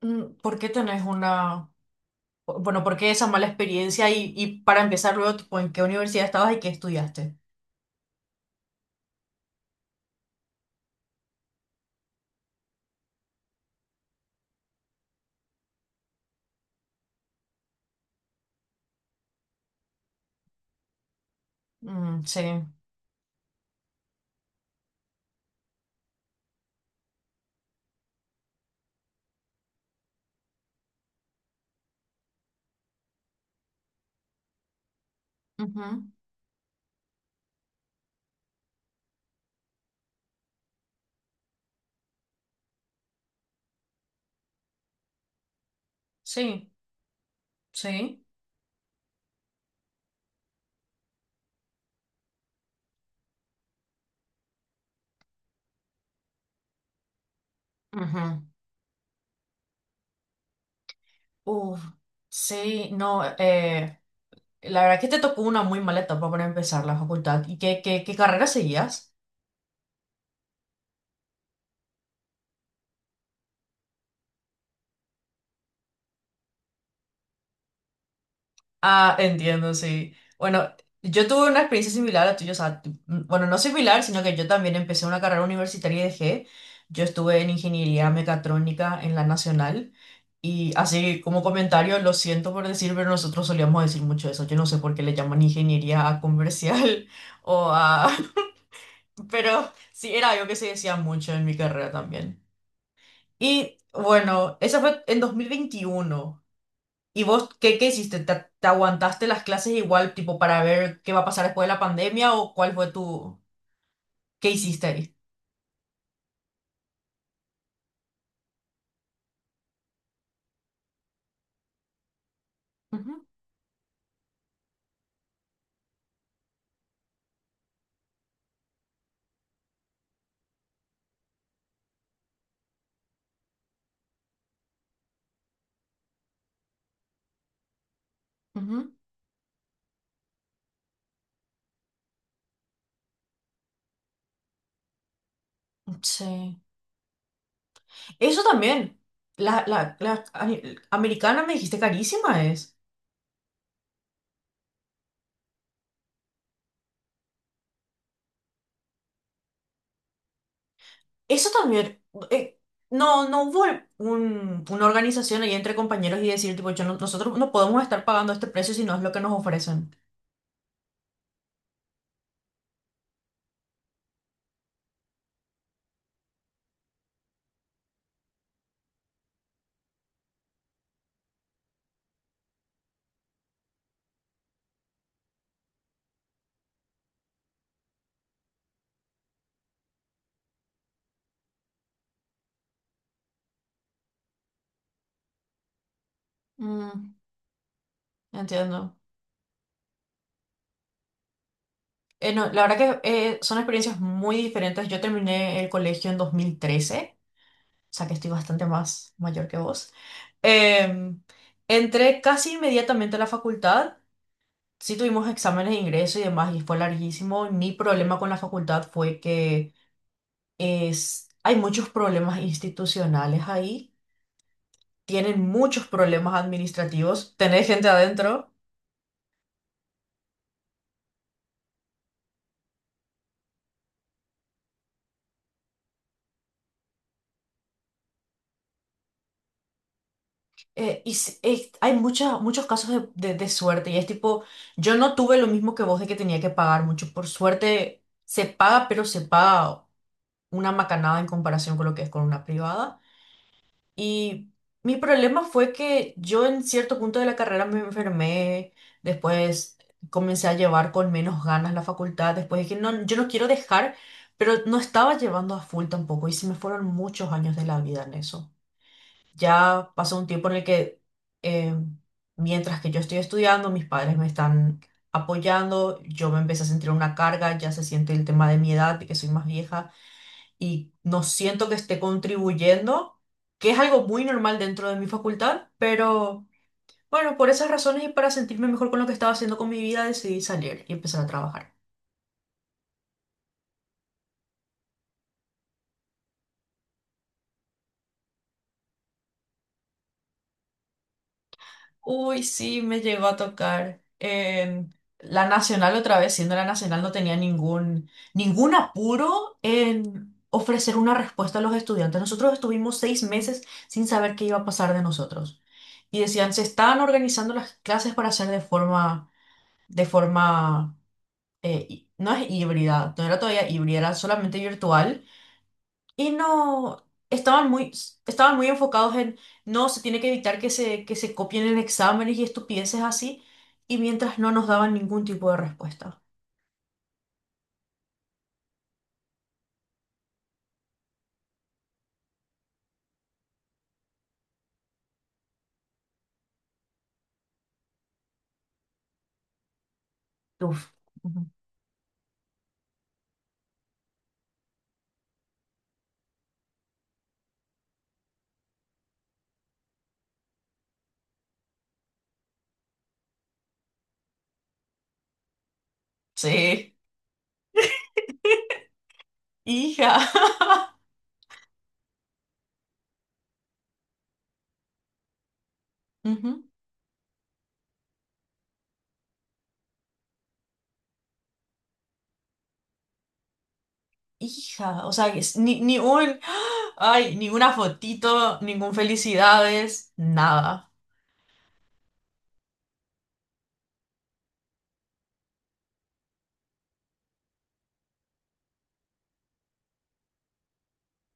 Mm, ¿por qué tenés una, bueno, por qué esa mala experiencia y para empezar luego, tipo, ¿en qué universidad estabas y qué estudiaste? Mm, sí. Ujú. Sí, sí. Ujú. Uf, sí, no, la verdad que te tocó una muy mala etapa para empezar la facultad. ¿Y qué, qué, qué carrera seguías? Ah, entiendo, sí. Bueno, yo tuve una experiencia similar a tuya, o sea, bueno, no similar, sino que yo también empecé una carrera universitaria y dejé. Yo estuve en ingeniería mecatrónica en la Nacional y así como comentario, lo siento por decir, pero nosotros solíamos decir mucho eso. Yo no sé por qué le llaman ingeniería a comercial o a... Pero sí, era algo que se decía mucho en mi carrera también. Y bueno, esa fue en 2021. ¿Y vos qué, qué hiciste? ¿Te aguantaste las clases igual, tipo, para ver qué va a pasar después de la pandemia o cuál fue tu... ¿Qué hiciste ahí? Ujú, ujú. Sí. Eso también. La americana me dijiste carísima es. Eso también. eh, no, no hubo una organización ahí entre compañeros y decir, tipo, yo no- nosotros no podemos estar pagando este precio si no es lo que nos ofrecen. Mm, entiendo. No, la verdad que son experiencias muy diferentes. Yo terminé el colegio en 2013, o sea que estoy bastante más mayor que vos. Eh, Entré casi inmediatamente a la facultad, sí tuvimos exámenes de ingreso y demás, y fue larguísimo. Mi problema con la facultad fue que es, hay muchos problemas institucionales ahí, tienen muchos problemas administrativos, tenés gente adentro. Y hay muchos casos de, de suerte y es tipo, yo no tuve lo mismo que vos de que tenía que pagar mucho. Por suerte se paga, pero se paga una macanada en comparación con lo que es con una privada. Y mi problema fue que yo en cierto punto de la carrera me enfermé, después comencé a llevar con menos ganas la facultad, después dije, no, yo no quiero dejar, pero no estaba llevando a full tampoco y se me fueron muchos años de la vida en eso. Ya pasó un tiempo en el que eh, mientras que yo estoy estudiando, mis padres me están apoyando, yo me empecé a sentir una carga, ya se siente el tema de mi edad, de que soy más vieja y no siento que esté contribuyendo, que es algo muy normal dentro de mi facultad, pero bueno, por esas razones y para sentirme mejor con lo que estaba haciendo con mi vida, decidí salir y empezar a trabajar. Uy, sí, me llegó a tocar. En la Nacional otra vez, siendo la Nacional, no tenía ningún, ningún apuro en ofrecer una respuesta a los estudiantes. Nosotros estuvimos 6 meses sin saber qué iba a pasar de nosotros. Y decían, se estaban organizando las clases para hacer de forma no es híbrida, no era todavía híbrida, era solamente virtual. Y no, estaban muy enfocados en, no, se tiene que evitar que se copien en exámenes y estupideces así, y mientras no nos daban ningún tipo de respuesta. Uf. Ujú. Sí, hija. Ujú. Hija, o sea, que ni, ni un, ay, ninguna fotito, ningún felicidades, nada.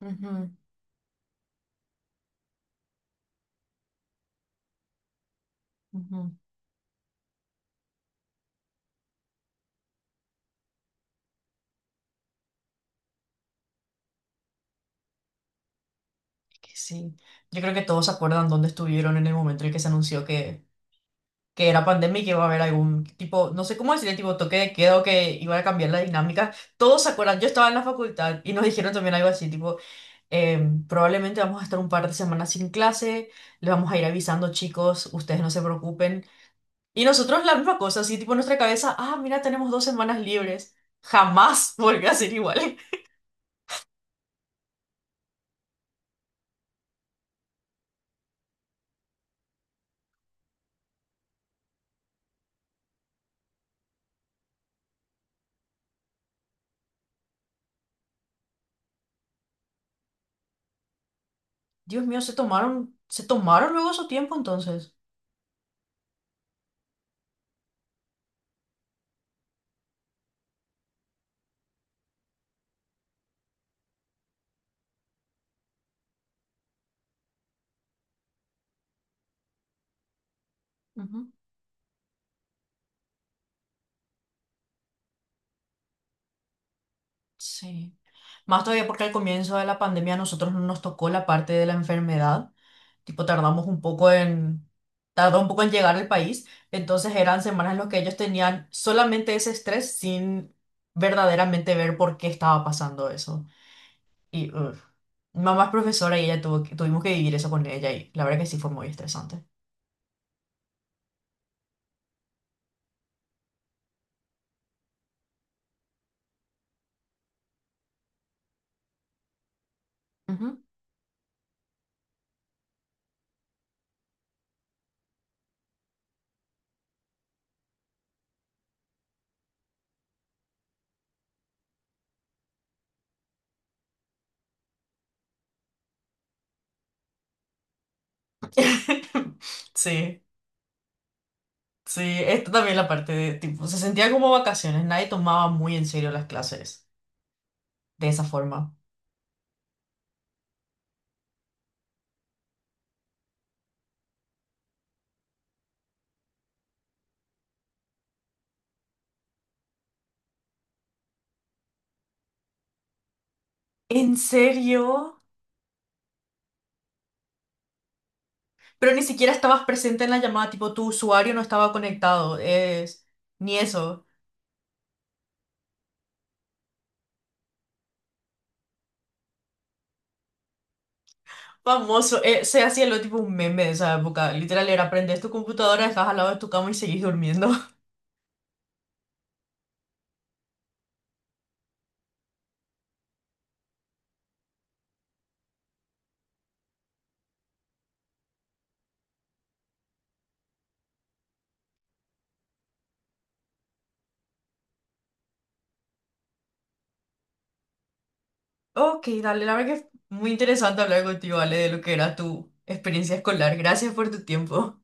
Ujú, ujú. Que sí. Yo creo que todos se acuerdan dónde estuvieron en el momento en el que se anunció que era pandemia y que iba a haber algún tipo, no sé cómo decirle, tipo toque de queda o que iba a cambiar la dinámica. Todos se acuerdan, yo estaba en la facultad y nos dijeron también algo así, tipo, probablemente vamos a estar un par de semanas sin clase, les vamos a ir avisando, chicos, ustedes no se preocupen. Y nosotros la misma cosa, así tipo en nuestra cabeza, ah, mira, tenemos dos semanas libres. Jamás volvió a ser igual. Dios mío, se tomaron luego su tiempo entonces. Ujú. Sí. Más todavía porque al comienzo de la pandemia a nosotros no nos tocó la parte de la enfermedad. Tipo, tardamos un poco en, tardó un poco en llegar al país. Entonces eran semanas en las que ellos tenían solamente ese estrés sin verdaderamente ver por qué estaba pasando eso. Y uf. Mi mamá es profesora y ella tuvimos que vivir eso con ella y la verdad que sí fue muy estresante. Ujú. Sí, sí, esto también la parte de tipo, se sentía como vacaciones, nadie tomaba muy en serio las clases de esa forma. ¿En serio? Pero ni siquiera estabas presente en la llamada, tipo tu usuario no estaba conectado, es... ni eso. Famoso, se hacía lo tipo un meme de esa época. Literal, era prendes tu computadora, estás al lado de tu cama y seguís durmiendo. Ok, dale, la verdad que es muy interesante hablar contigo, Ale, de lo que era tu experiencia escolar. Gracias por tu tiempo.